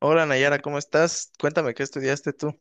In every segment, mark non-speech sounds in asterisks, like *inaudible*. Hola Nayara, ¿cómo estás? Cuéntame, ¿qué estudiaste tú? Ujú.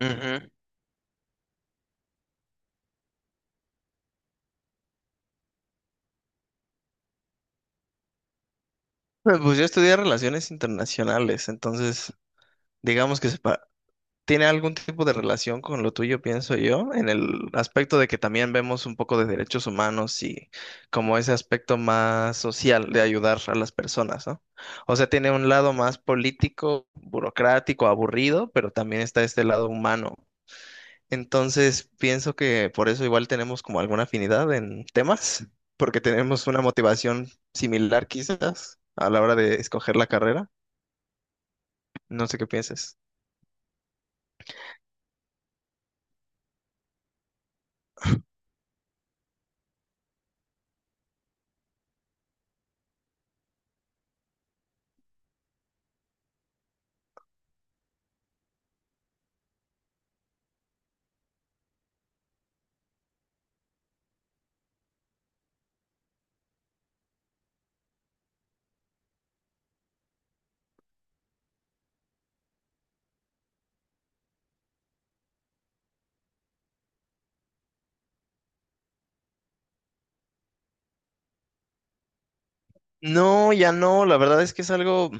Eh, Pues yo estudié relaciones internacionales, entonces digamos que tiene algún tipo de relación con lo tuyo, pienso yo, en el aspecto de que también vemos un poco de derechos humanos y como ese aspecto más social de ayudar a las personas, ¿no? O sea, tiene un lado más político, burocrático, aburrido, pero también está este lado humano. Entonces, pienso que por eso igual tenemos como alguna afinidad en temas, porque tenemos una motivación similar quizás a la hora de escoger la carrera. No sé qué pienses. No, ya no, la verdad es que es algo,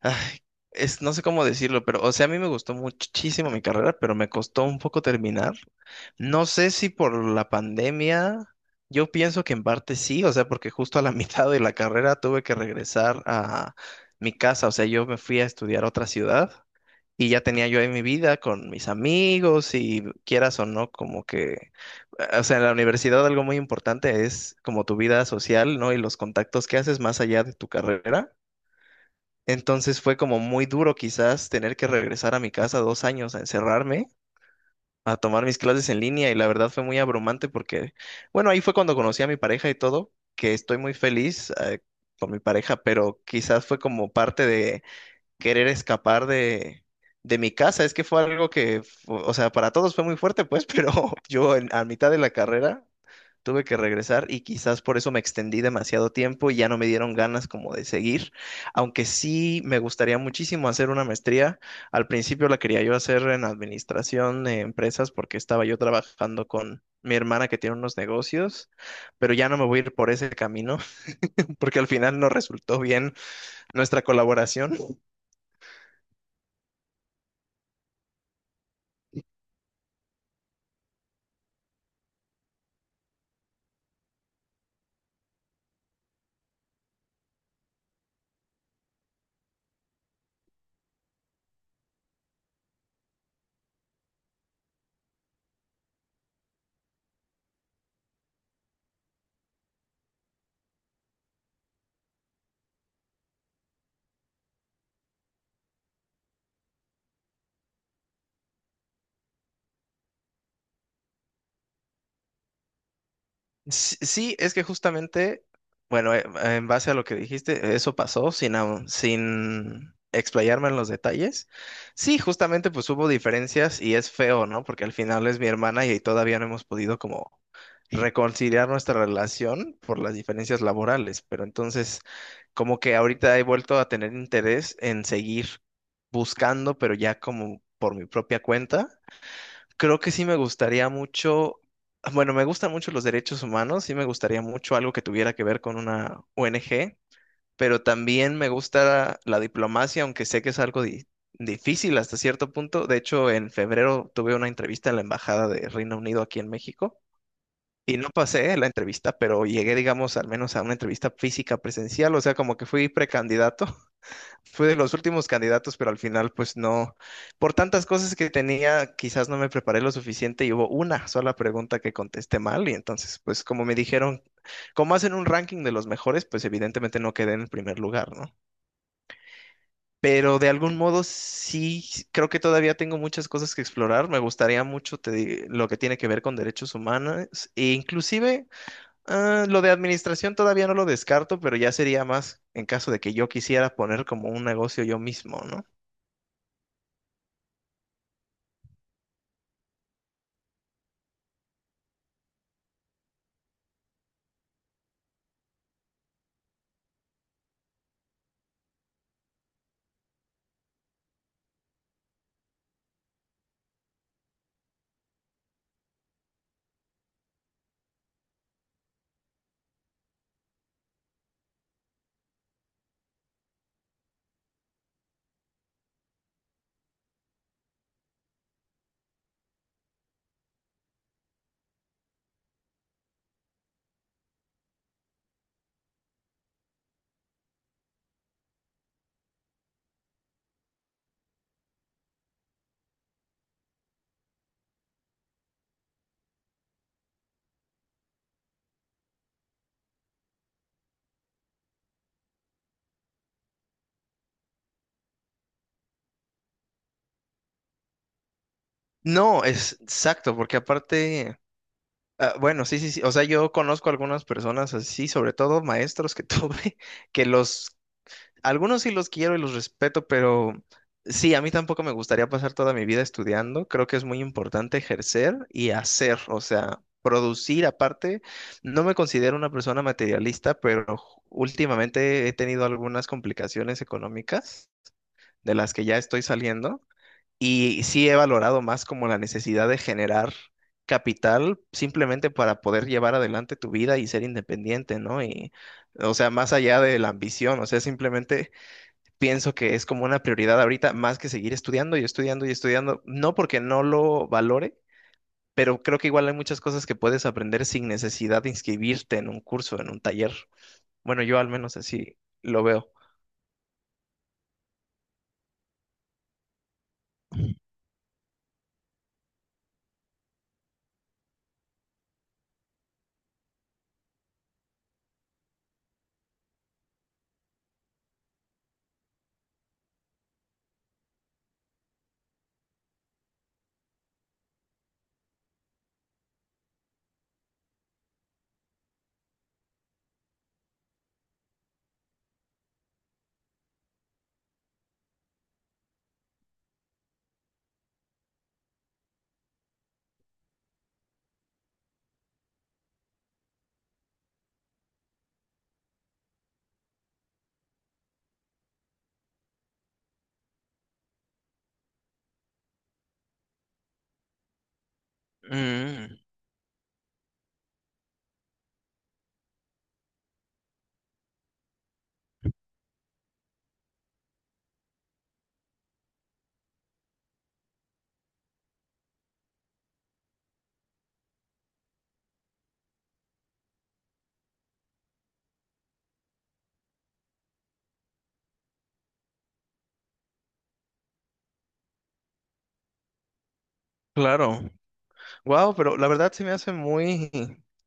ay, no sé cómo decirlo, pero o sea, a mí me gustó muchísimo mi carrera, pero me costó un poco terminar. No sé si por la pandemia, yo pienso que en parte sí, o sea, porque justo a la *laughs* mitad de la carrera tuve que regresar a mi casa, o sea, yo me fui a estudiar a otra ciudad. Y ya tenía yo ahí mi vida con mis amigos y quieras o no, como que, o sea, en la universidad algo muy importante es como tu vida social, ¿no? Y los contactos que haces más allá de tu carrera. Entonces fue como muy duro quizás tener que regresar a mi casa 2 años a encerrarme, a tomar mis clases en línea y la verdad fue muy abrumante porque, bueno, ahí fue cuando conocí a mi pareja y todo, que estoy muy feliz, con mi pareja, pero quizás fue como parte de querer escapar de mi casa. Es que fue algo que, o sea, para todos fue muy fuerte, pues, *laughs* pero yo a mitad de la carrera tuve que regresar y quizás por eso me extendí demasiado tiempo y ya no me dieron ganas como de seguir, aunque sí me gustaría muchísimo hacer una maestría. Al principio la quería yo hacer en administración de empresas porque estaba yo trabajando con mi hermana, que tiene unos negocios, pero ya no me voy a ir por ese camino *laughs* porque al final no resultó bien nuestra colaboración. Sí, sí, es que justamente, bueno, en base a lo que dijiste, eso pasó sin explayarme en los detalles. Sí, justamente pues hubo diferencias y es feo, ¿no? Porque al final es mi hermana y todavía no hemos podido como reconciliar nuestra relación por las diferencias laborales, pero entonces como que ahorita he vuelto a tener interés en seguir buscando, pero ya como por mi propia cuenta. Creo que sí me gustaría mucho, bueno, me gustan mucho los derechos humanos, sí me gustaría mucho algo que tuviera que ver con una ONG, pero también me gusta la diplomacia, aunque sé que es algo difícil hasta cierto punto. De hecho, en febrero tuve una entrevista en la Embajada de Reino Unido aquí en México y no pasé la entrevista, pero llegué, digamos, al menos a una entrevista física presencial, o sea, como que fui precandidato. Fui de los últimos candidatos, pero al final, pues no. Por tantas cosas que tenía, quizás no me preparé lo suficiente y hubo una sola pregunta que contesté mal. Y entonces, pues como me dijeron, como hacen un ranking de los mejores, pues evidentemente no quedé en el primer lugar, ¿no? Pero de algún modo sí, creo que todavía tengo muchas cosas que explorar. Me gustaría mucho, lo que tiene que ver con derechos humanos e inclusive, ah, lo de administración todavía no lo descarto, pero ya sería más en caso de que yo quisiera poner como un negocio yo mismo, ¿no? No, es exacto, porque aparte, ah, bueno, sí, sí, sí, o sea, yo conozco algunas personas así, sobre todo maestros que tuve, *laughs* que los, algunos sí los quiero y los respeto, pero sí, a mí tampoco me gustaría pasar toda mi vida estudiando. Creo que es muy importante ejercer y hacer, o sea, producir aparte. No me considero una persona materialista, pero últimamente he tenido algunas complicaciones económicas de las que ya estoy saliendo. Y sí he valorado más como la necesidad de generar capital simplemente para poder llevar adelante tu vida y ser independiente, ¿no? Y, o sea, más allá de la ambición, o sea, simplemente pienso que es como una prioridad ahorita más que seguir estudiando y estudiando y estudiando, no porque no lo valore, pero creo que igual hay muchas cosas que puedes aprender sin necesidad de inscribirte en un curso, en un taller. Bueno, yo al menos así lo veo. Mm, claro. Wow, pero la verdad se me hace muy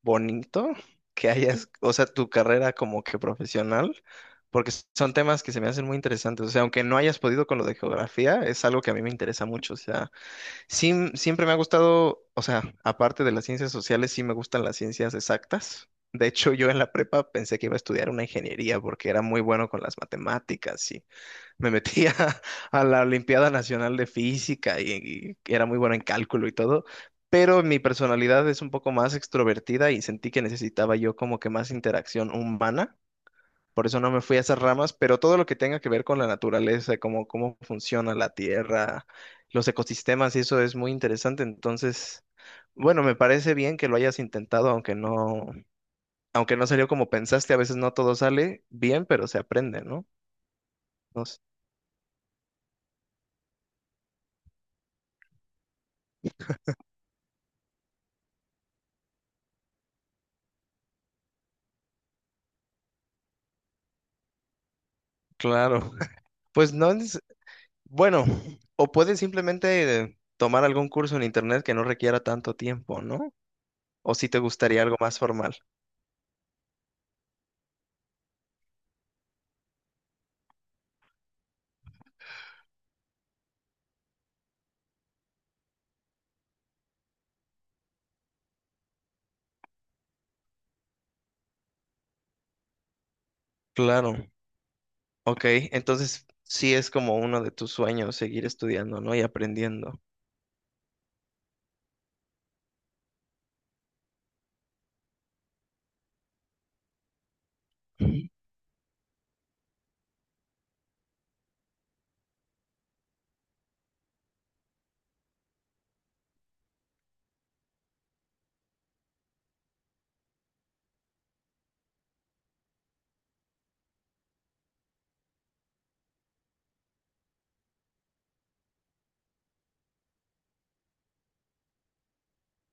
bonito que hayas, o sea, tu carrera como que profesional, porque son temas que se me hacen muy interesantes. O sea, aunque no hayas podido con lo de geografía, es algo que a mí me interesa mucho. O sea, sí, siempre me ha gustado, o sea, aparte de las ciencias sociales, sí me gustan las ciencias exactas. De hecho, yo en la prepa pensé que iba a estudiar una ingeniería porque era muy bueno con las matemáticas. Me metí *laughs* a la Olimpiada Nacional de Física y era muy bueno en cálculo y todo, pero mi personalidad es un poco más extrovertida y sentí que necesitaba yo como que más interacción humana. Por eso no me fui a esas ramas, pero todo lo que tenga que ver con la naturaleza, como cómo funciona la tierra, los ecosistemas, y eso es muy interesante. Entonces, bueno, me parece bien que lo hayas intentado. Aunque no, salió como pensaste, a veces no todo sale bien, pero se aprende, ¿no? No sé. Claro. *laughs* Pues no. Bueno, o puedes simplemente tomar algún curso en internet que no requiera tanto tiempo, ¿no? O si te gustaría algo más formal. Claro, ok, entonces sí es como uno de tus sueños seguir estudiando, ¿no? Y aprendiendo.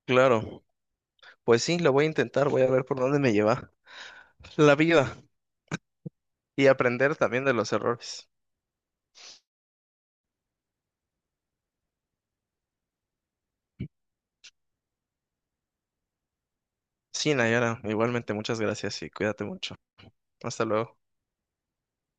Claro, pues sí, lo voy a intentar, voy a ver por dónde me lleva la vida y aprender también de los errores. Sí, Nayara, igualmente muchas gracias y cuídate mucho. Hasta luego.